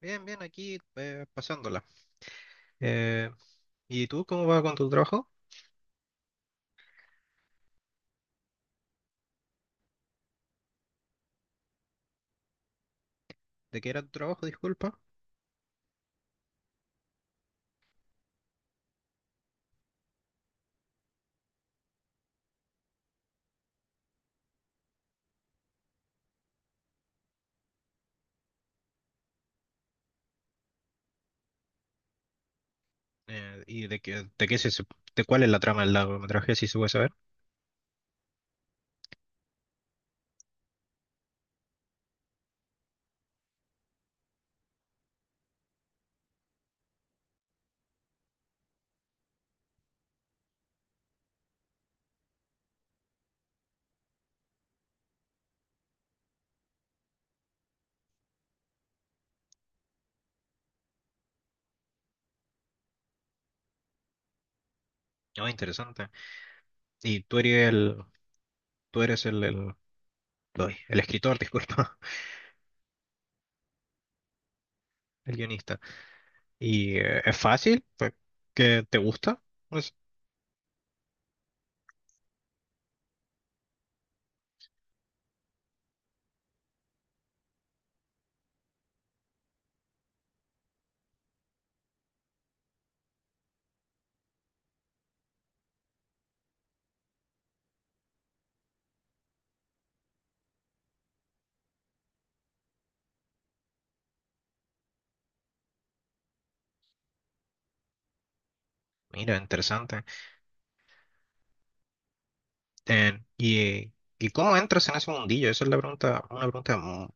Bien, bien, aquí pasándola. Eh, ¿Y tú cómo vas con tu trabajo? ¿De qué era tu trabajo, disculpa? ¿Y de qué de cuál es la trama del largometraje, si se puede saber? Oh, interesante. Y tú eres ay, el escritor, disculpa, el guionista. ¿Y es fácil? Pues, ¿qué te gusta? Pues, mira, interesante. Eh, ¿y, eh, ¿Y cómo entras en ese mundillo? Esa es la pregunta, una pregunta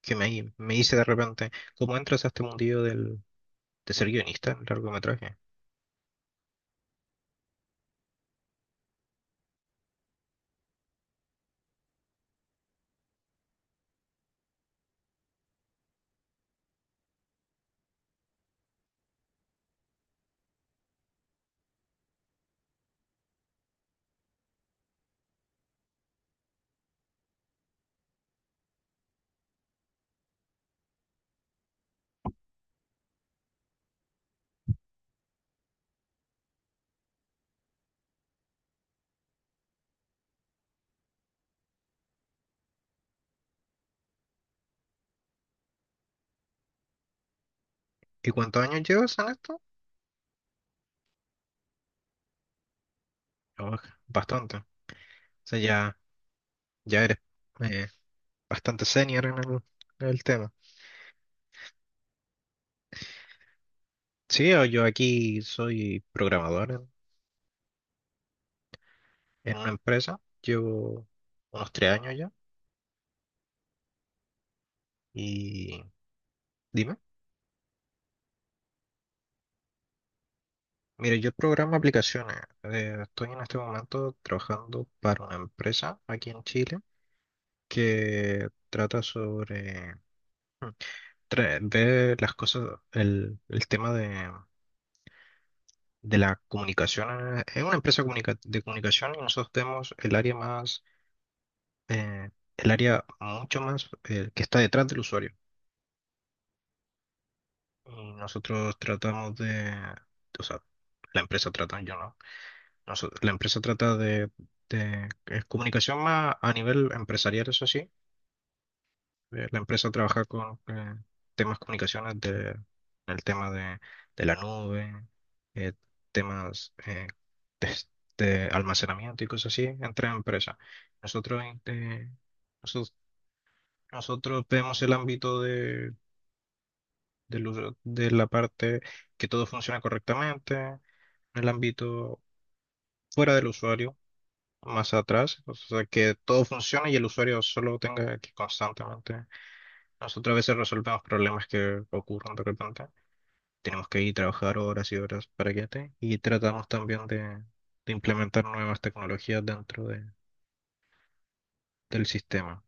que me hice de repente. ¿Cómo entras a este mundillo, de ser guionista en largometraje? ¿Y cuántos años llevas en esto? Oh, bastante. O sea, ya, ya eres eh, bastante senior en en el tema. Sí, o yo aquí soy programador en una empresa. Llevo unos 3 años ya. Y dime. Mire, yo programo aplicaciones. Estoy en este momento trabajando para una empresa aquí en Chile que trata sobre mm, ver las cosas, el tema de la comunicación. Es una empresa de comunicación y nosotros tenemos el área más, eh, el área mucho más que está detrás del usuario. Y nosotros tratamos de, o sea, la empresa trata, yo no. La empresa trata de- es comunicación más a nivel empresarial, eso sí. La empresa trabaja con temas comunicaciones de, el tema de la nube, eh, temas de, de almacenamiento y cosas así entre empresas. Nosotros, eh, nosotros, nosotros vemos el ámbito de, de la parte que todo funciona correctamente, el ámbito fuera del usuario más atrás, o sea, que todo funcione y el usuario solo tenga que constantemente. Nosotros a veces resolvemos problemas que ocurren de repente. Tenemos que ir a trabajar horas y horas para que esté. Y tratamos también de implementar nuevas tecnologías del sistema.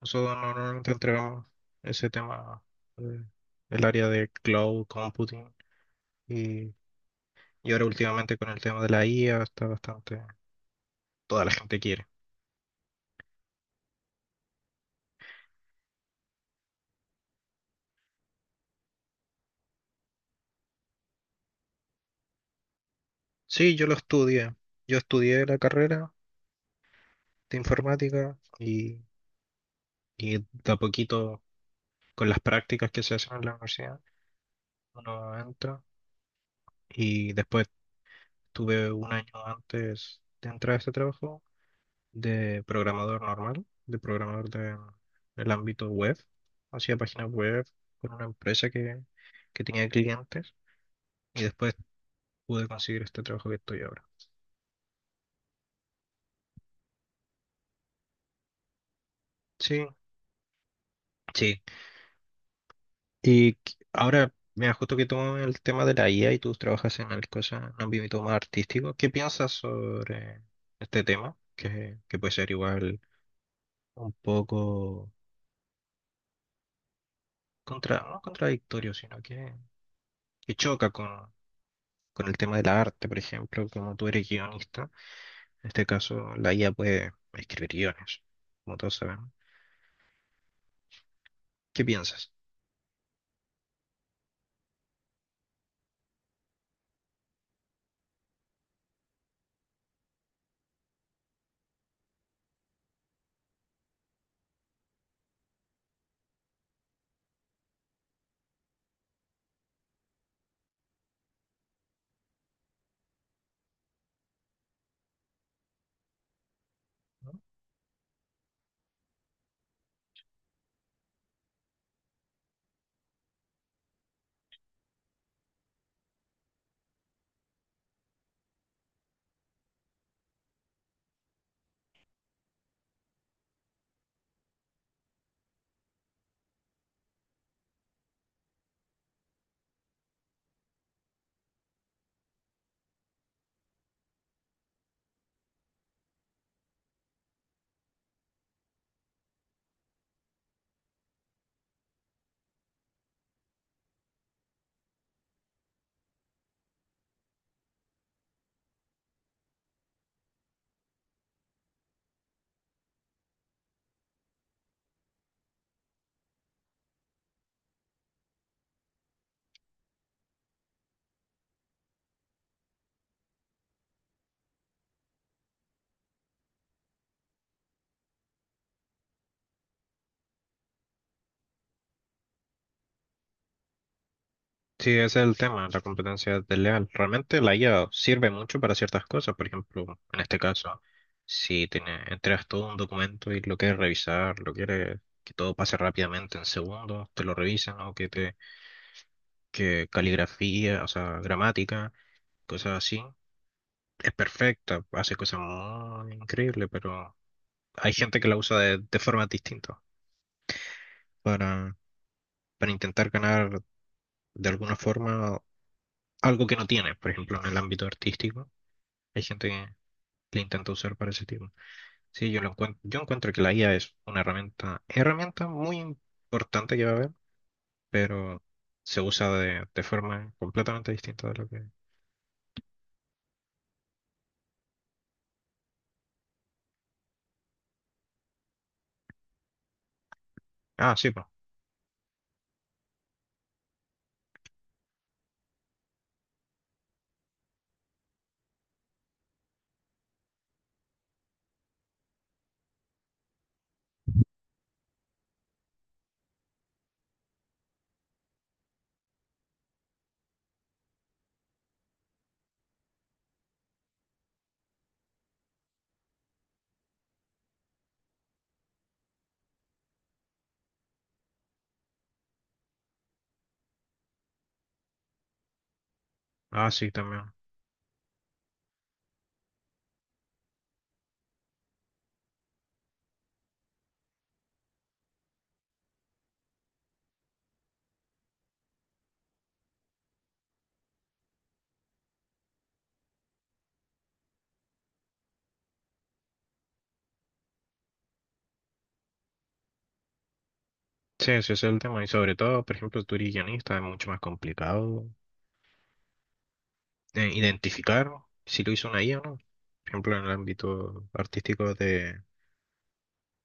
Nosotros normalmente entregamos ese tema, eh, el área de cloud computing y, y ahora últimamente con el tema de la IA está bastante, toda la gente quiere. Sí, yo lo estudié. Yo estudié la carrera de informática y de a poquito con las prácticas que se hacen en la universidad, uno entra y después tuve un año antes de entrar a este trabajo de programador normal, de programador de, del ámbito web. Hacía páginas web con una empresa que tenía clientes y después pude conseguir este trabajo que estoy ahora. Sí, sí, Y ahora, mira, justo que tomamos el tema de la IA y tú trabajas en el cosa, en un ámbito más artístico, ¿qué piensas sobre este tema? Que puede ser igual un poco contra, no contradictorio, sino que choca con el tema del arte, por ejemplo, como tú eres guionista, en este caso la IA puede escribir guiones, como todos sabemos. ¿Qué piensas? Sí, ese es el tema, la competencia desleal. Realmente la IA sirve mucho para ciertas cosas, por ejemplo, en este caso, si tiene, entregas todo un documento y lo quieres revisar, lo quieres que todo pase rápidamente en segundos, te lo revisan o que te que caligrafía, o sea, gramática, cosas así, es perfecta, hace cosas muy increíbles, pero hay gente que la usa de formas distintas para, para intentar ganar de alguna forma algo que no tiene, por ejemplo, en el ámbito artístico. Hay gente que intenta usar para ese tipo. Sí, yo lo encuentro, yo encuentro que la IA es una herramienta muy importante que va a haber, pero se usa de forma completamente distinta de lo que. Ah, sí, pues. Ah, sí, también. Sí, ese es el tema. Y sobre todo, por ejemplo, tú eres guionista, es mucho más complicado identificar si lo hizo una IA o no. Por ejemplo, en el ámbito artístico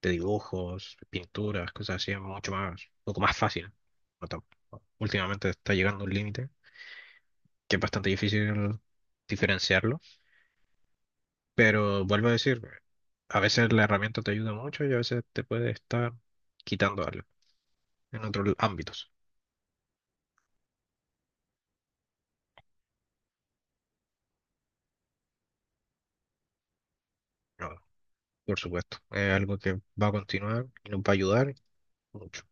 de dibujos, pinturas, cosas así, es mucho más, un poco más fácil. No tan- Últimamente está llegando un límite que es bastante difícil diferenciarlo, pero vuelvo a decir, a veces la herramienta te ayuda mucho y a veces te puede estar quitando algo en otros ámbitos. No, por supuesto, es algo que va a continuar y nos va a ayudar mucho.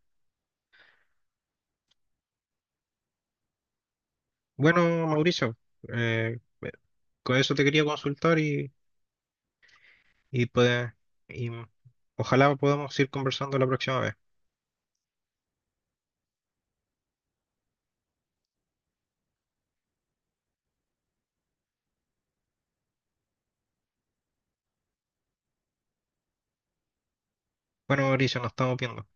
Bueno, Mauricio, eh, con eso te quería consultar y, puede- y ojalá podamos ir conversando la próxima vez. Bueno, Mauricio, nos estamos viendo.